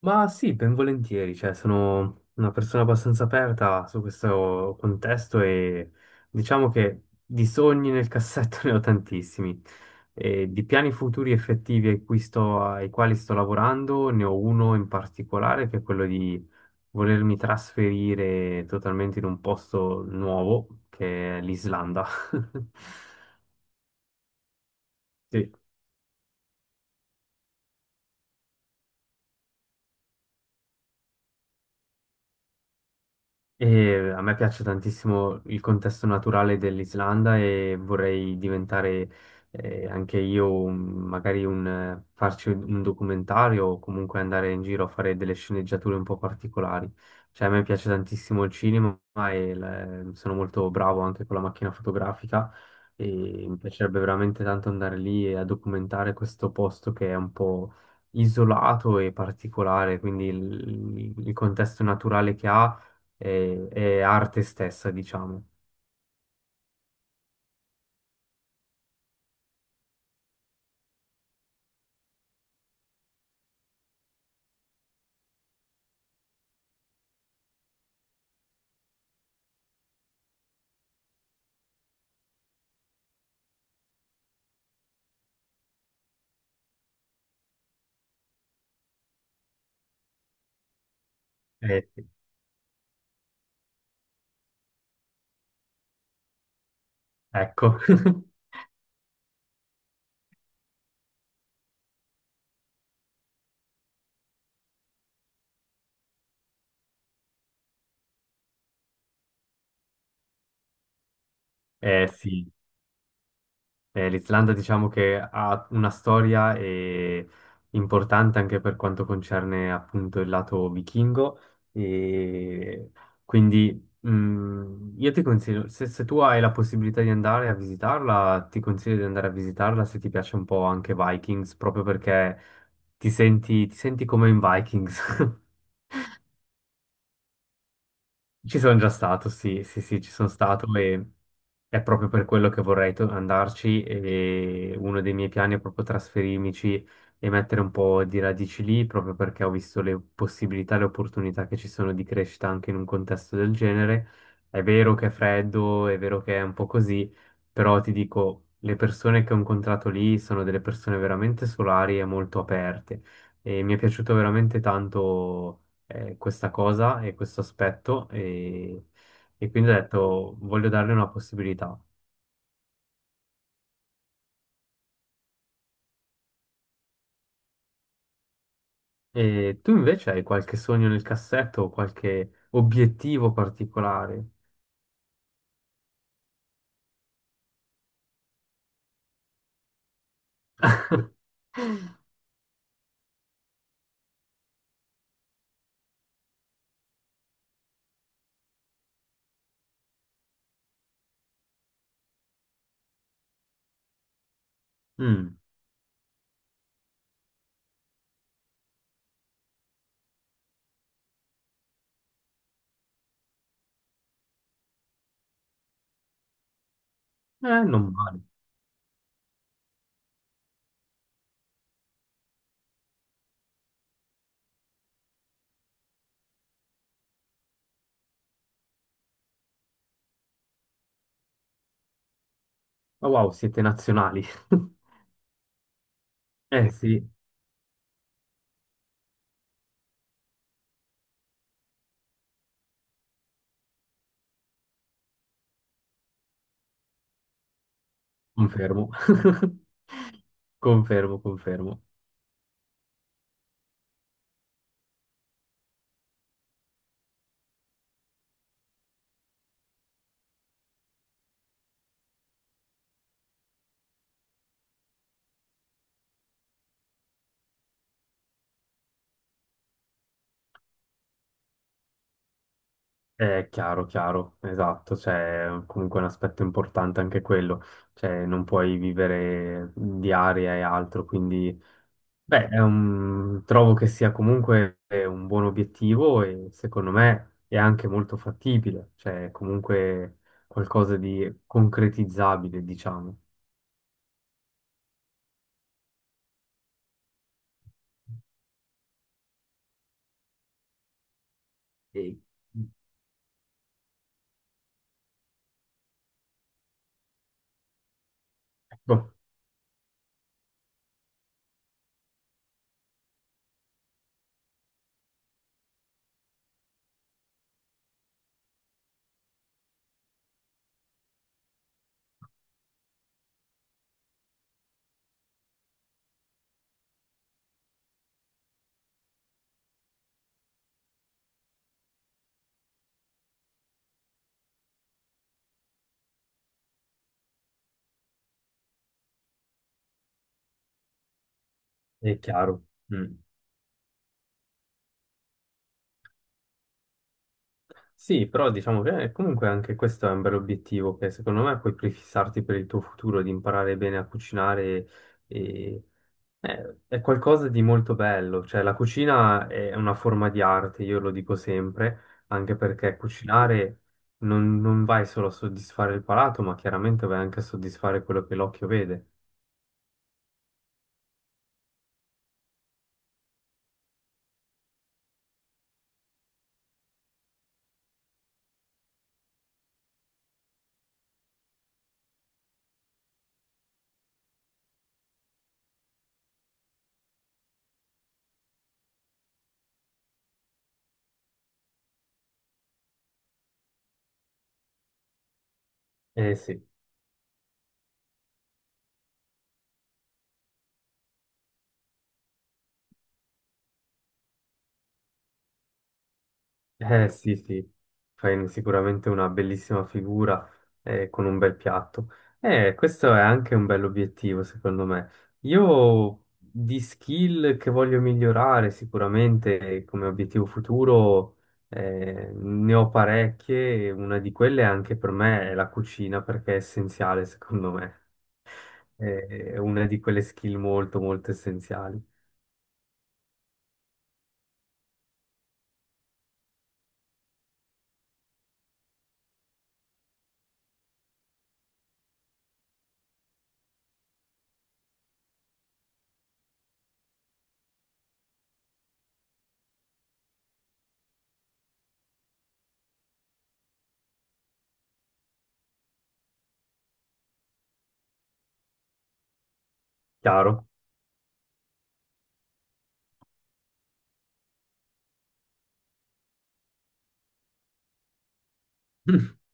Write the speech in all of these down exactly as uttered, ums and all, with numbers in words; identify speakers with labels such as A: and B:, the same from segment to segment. A: Ma sì, ben volentieri, cioè sono una persona abbastanza aperta su questo contesto e diciamo che di sogni nel cassetto ne ho tantissimi e di piani futuri effettivi ai cui sto- ai quali sto lavorando. Ne ho uno in particolare che è quello di volermi trasferire totalmente in un posto nuovo che è l'Islanda. Sì. E a me piace tantissimo il contesto naturale dell'Islanda e vorrei diventare eh, anche io un- magari un, eh, farci un un documentario o comunque andare in giro a fare delle sceneggiature un po' particolari. Cioè a me piace tantissimo il cinema e l- sono molto bravo anche con la macchina fotografica e mi piacerebbe veramente tanto andare lì e a documentare questo posto che è un po' isolato e particolare, quindi il il- il contesto naturale che ha e, e arte stessa, diciamo. Eh, sì, ecco, eh, sì. Eh, l'Islanda diciamo che ha una storia eh, importante anche per quanto concerne appunto il lato vichingo. E quindi mh, io ti consiglio, se, se tu hai la possibilità di andare a visitarla, ti consiglio di andare a visitarla se ti piace un po' anche Vikings, proprio perché ti senti, ti senti come in Vikings. Ci sono già stato, sì, sì, sì, ci sono stato. E è proprio per quello che vorrei to- andarci, e uno dei miei piani è proprio trasferirmici e mettere un po' di radici lì, proprio perché ho visto le possibilità, le opportunità che ci sono di crescita anche in un contesto del genere. È vero che è freddo, è vero che è un po' così, però ti dico, le persone che ho incontrato lì sono delle persone veramente solari e molto aperte e mi è piaciuto veramente tanto eh, questa cosa e questo aspetto. E, e quindi ho detto voglio darle una possibilità. E tu invece hai qualche sogno nel cassetto o qualche obiettivo particolare? Mm, eh, non male. Ma wow, siete nazionali. Eh sì, confermo. Confermo, confermo. È chiaro, chiaro, esatto, c'è comunque un aspetto importante anche quello, cioè non puoi vivere di aria e altro, quindi... Beh, è un- trovo che sia comunque un buon obiettivo e secondo me è anche molto fattibile, cioè è comunque qualcosa di concretizzabile, diciamo. E, boh, è chiaro. Mm. Sì, però diciamo che comunque anche questo è un bel obiettivo che secondo me puoi prefissarti per il tuo futuro di imparare bene a cucinare. Eh, È qualcosa di molto bello, cioè la cucina è una forma di arte, io lo dico sempre, anche perché cucinare non, non vai solo a soddisfare il palato, ma chiaramente vai anche a soddisfare quello che l'occhio vede. Eh sì. Eh sì, sì, fai sicuramente una bellissima figura eh, con un bel piatto. Eh, questo è anche un bell'obiettivo, secondo me. Io di skill che voglio migliorare sicuramente eh, come obiettivo futuro eh, ne ho parecchie, e una di quelle anche per me è la cucina perché è essenziale, secondo me. Eh, È una di quelle skill molto, molto essenziali. Chiaro?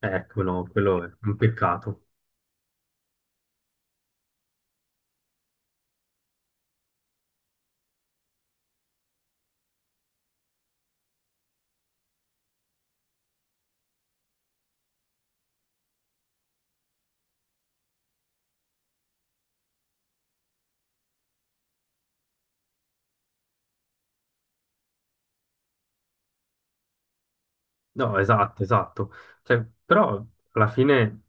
A: Ecco, no, quello è un peccato. No, esatto, esatto. Cioè, però alla fine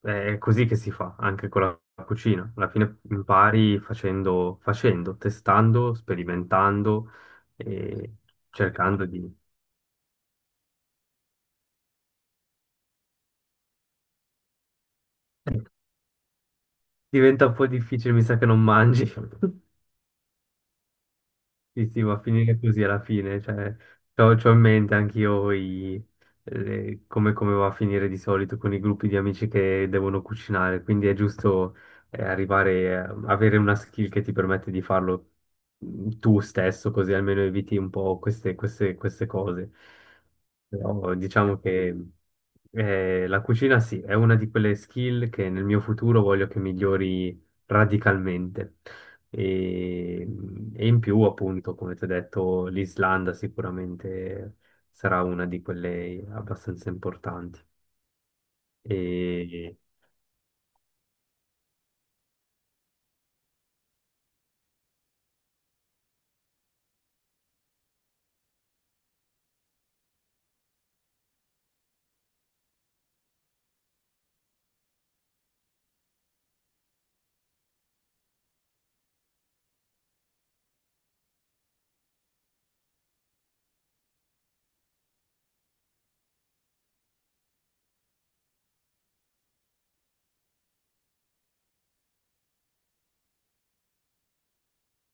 A: è così che si fa anche con la cucina. Alla fine impari facendo, facendo, testando, sperimentando e cercando di... Diventa un po' difficile, mi sa che non mangi. Sì, sì, va a finire così alla fine, cioè, c'ho, c'ho in mente anch'io i- le- come, come va a finire di solito con i gruppi di amici che devono cucinare, quindi è giusto eh, arrivare, a- avere una skill che ti permette di farlo mm, tu stesso, così almeno eviti un po' queste, queste- queste cose. Però diciamo che eh, la cucina sì, è una di quelle skill che nel mio futuro voglio che migliori radicalmente. E, e in più, appunto, come ti ho detto, l'Islanda sicuramente sarà una di quelle abbastanza importanti. E,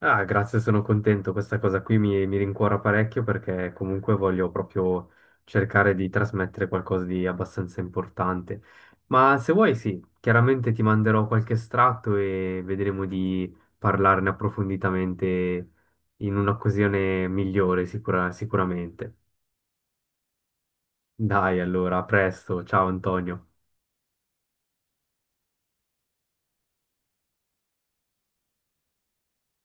A: ah, grazie, sono contento. Questa cosa qui mi, mi rincuora parecchio perché comunque voglio proprio cercare di trasmettere qualcosa di abbastanza importante. Ma se vuoi, sì, chiaramente ti manderò qualche estratto e vedremo di parlarne approfonditamente in un'occasione migliore, sicura- sicuramente. Dai, allora, a presto. Ciao Antonio.